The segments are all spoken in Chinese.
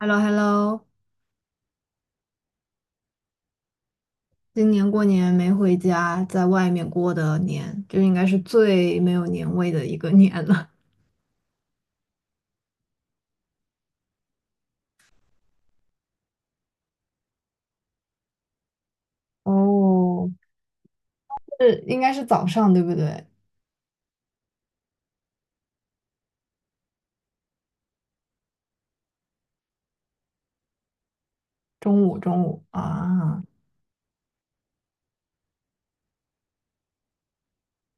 h e l l o h e l l o 今年过年没回家，在外面过的年，就应该是最没有年味的一个年了。哦，是，应该是早上，对不对？中午，中午啊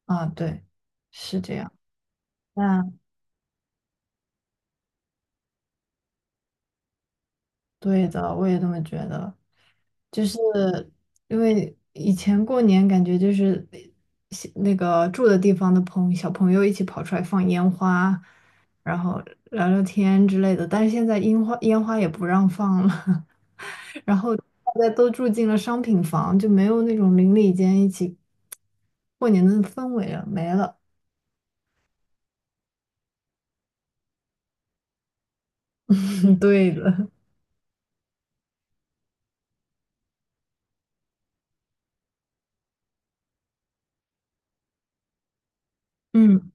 啊，对，是这样。那。对的，我也这么觉得。就是因为以前过年感觉就是西那个住的地方的朋小朋友一起跑出来放烟花，然后聊聊天之类的，但是现在烟花也不让放了，然后大家都住进了商品房，就没有那种邻里间一起过年的氛围了，没了。对的，嗯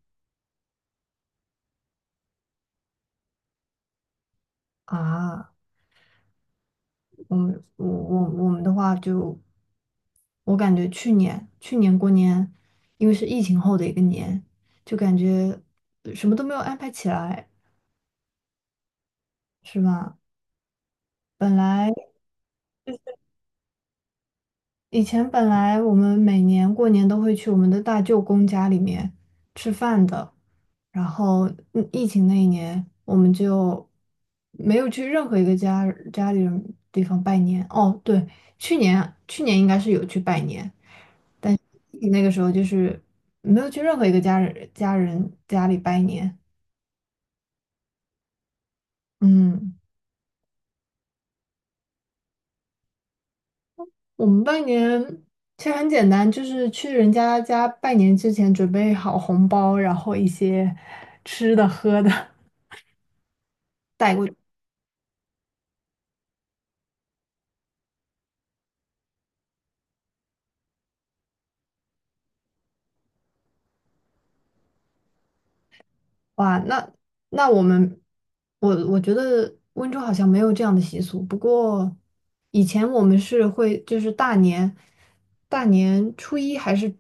啊。我们的话就，我感觉去年过年，因为是疫情后的一个年，就感觉什么都没有安排起来，是吧？本来以前本来我们每年过年都会去我们的大舅公家里面吃饭的，然后疫情那一年我们就没有去任何一个家家里人地方拜年。哦，对，去年应该是有去拜年。但那个时候就是没有去任何一个家人家人家里拜年。嗯，我们拜年其实很简单，就是去人家家拜年之前准备好红包，然后一些吃的喝的 带过。哇，那那我们，我我觉得温州好像没有这样的习俗。不过以前我们是会，就是大年初一还是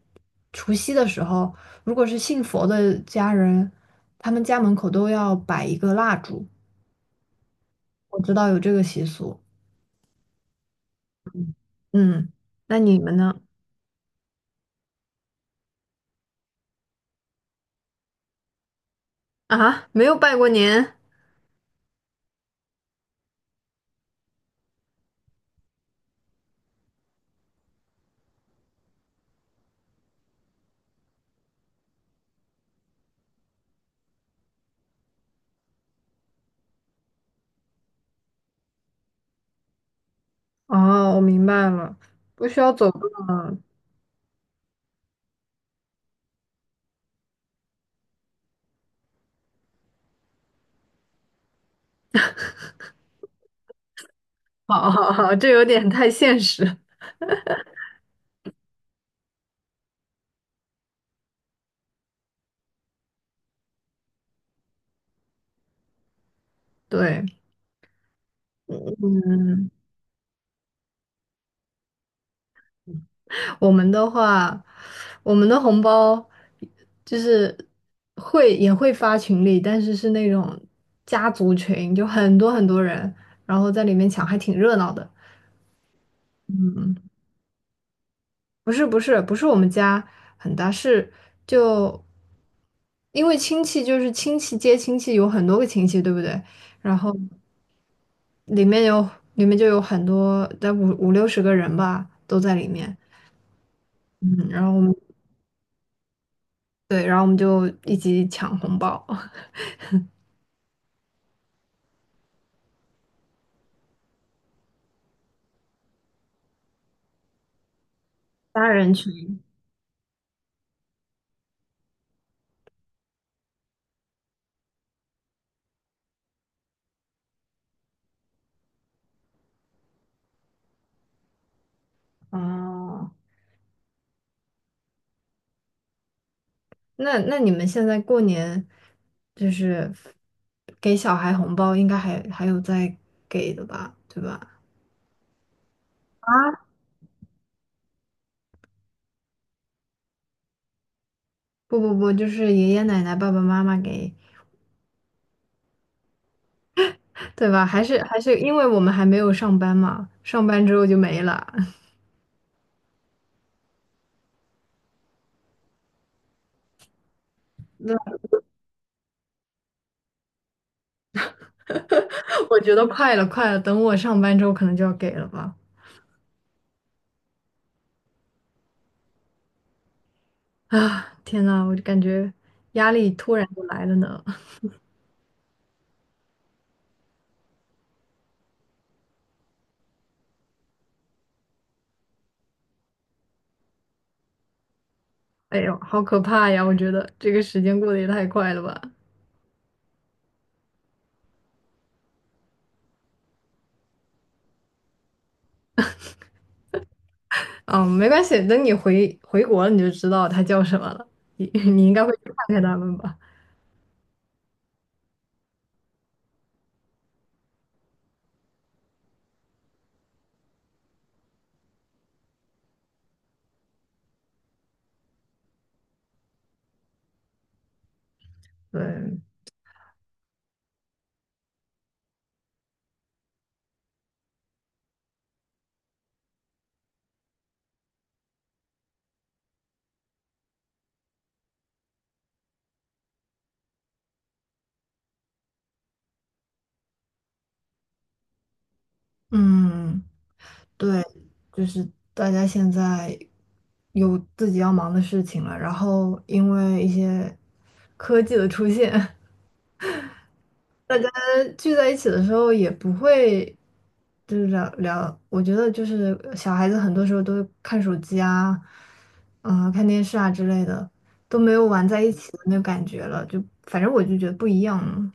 除夕的时候，如果是信佛的家人，他们家门口都要摆一个蜡烛。我知道有这个习俗。嗯，那你们呢？啊，没有拜过年？哦，我明白了，不需要走个，好好好，这有点太现实。对，嗯，我们的话，我们的红包就是会也会发群里，但是是那种家族群，就很多人，然后在里面抢，还挺热闹的。不是我们家很大，是就因为亲戚就是亲戚接亲戚，有很多个亲戚，对不对？然后里面有里面就有很多，在五五六十个人吧，都在里面。嗯，然后我们对，然后我们就一起抢红包，八人群。哦，那那你们现在过年就是给小孩红包，应该还还有在给的吧，对吧？啊，不，就是爷爷奶奶、爸爸妈妈给，对吧？还是还是因为我们还没有上班嘛，上班之后就没了。那我觉得快了，快了，等我上班之后可能就要给了吧。啊，天呐，我就感觉压力突然就来了呢。哎呦，好可怕呀！我觉得这个时间过得也太快了吧。嗯，没关系，等你回国了你就知道它叫什么了。你 你应该会去看看它们吧？对，嗯，对，就是大家现在有自己要忙的事情了，然后因为一些科技的出现，大家聚在一起的时候也不会就是聊聊，我觉得就是小孩子很多时候都看手机啊，嗯，看电视啊之类的，都没有玩在一起的那个感觉了。就反正我就觉得不一样了。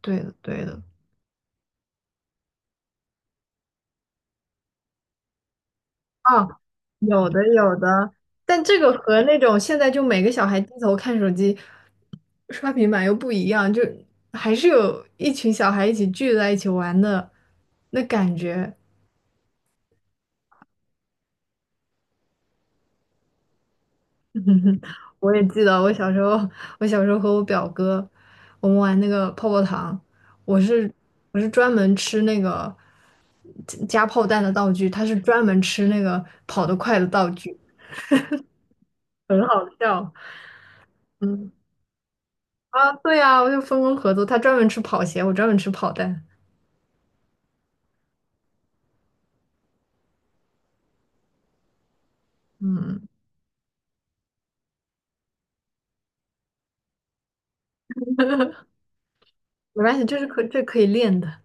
对的，对的。啊，有的有的，但这个和那种现在就每个小孩低头看手机、刷平板又不一样，就还是有一群小孩一起聚在一起玩的那感觉。我也记得我小时候，我小时候和我表哥，我们玩那个泡泡糖，我是我是专门吃那个加炮弹的道具，他是专门吃那个跑得快的道具，很好笑。嗯啊，对啊，我就分工合作，他专门吃跑鞋，我专门吃炮弹。嗯，没关系，这是这可以练的。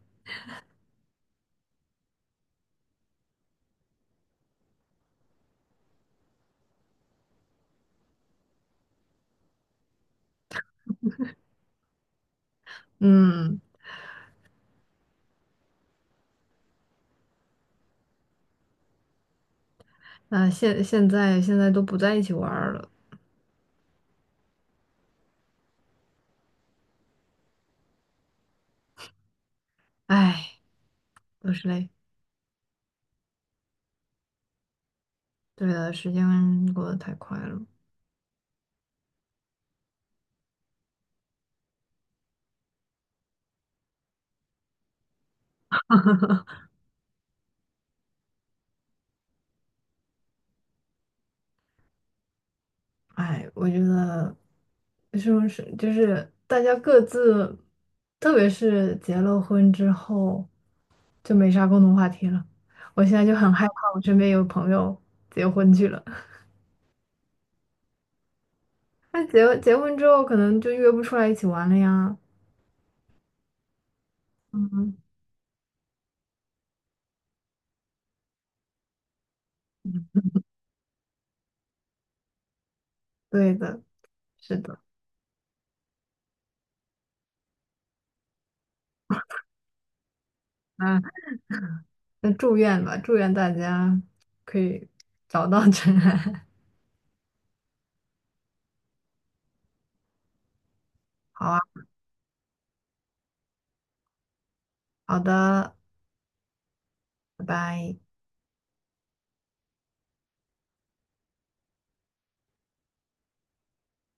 嗯，那现在现在都不在一起玩儿了，唉，都是累。对的，时间过得太快了。哎，我觉得是不是就是大家各自，特别是结了婚之后，就没啥共同话题了。我现在就很害怕，我身边有朋友结婚去了，那结婚之后可能就约不出来一起玩了呀。嗯，对的，是的。那那祝愿吧，祝愿大家可以找到真爱。好啊，好的，拜拜。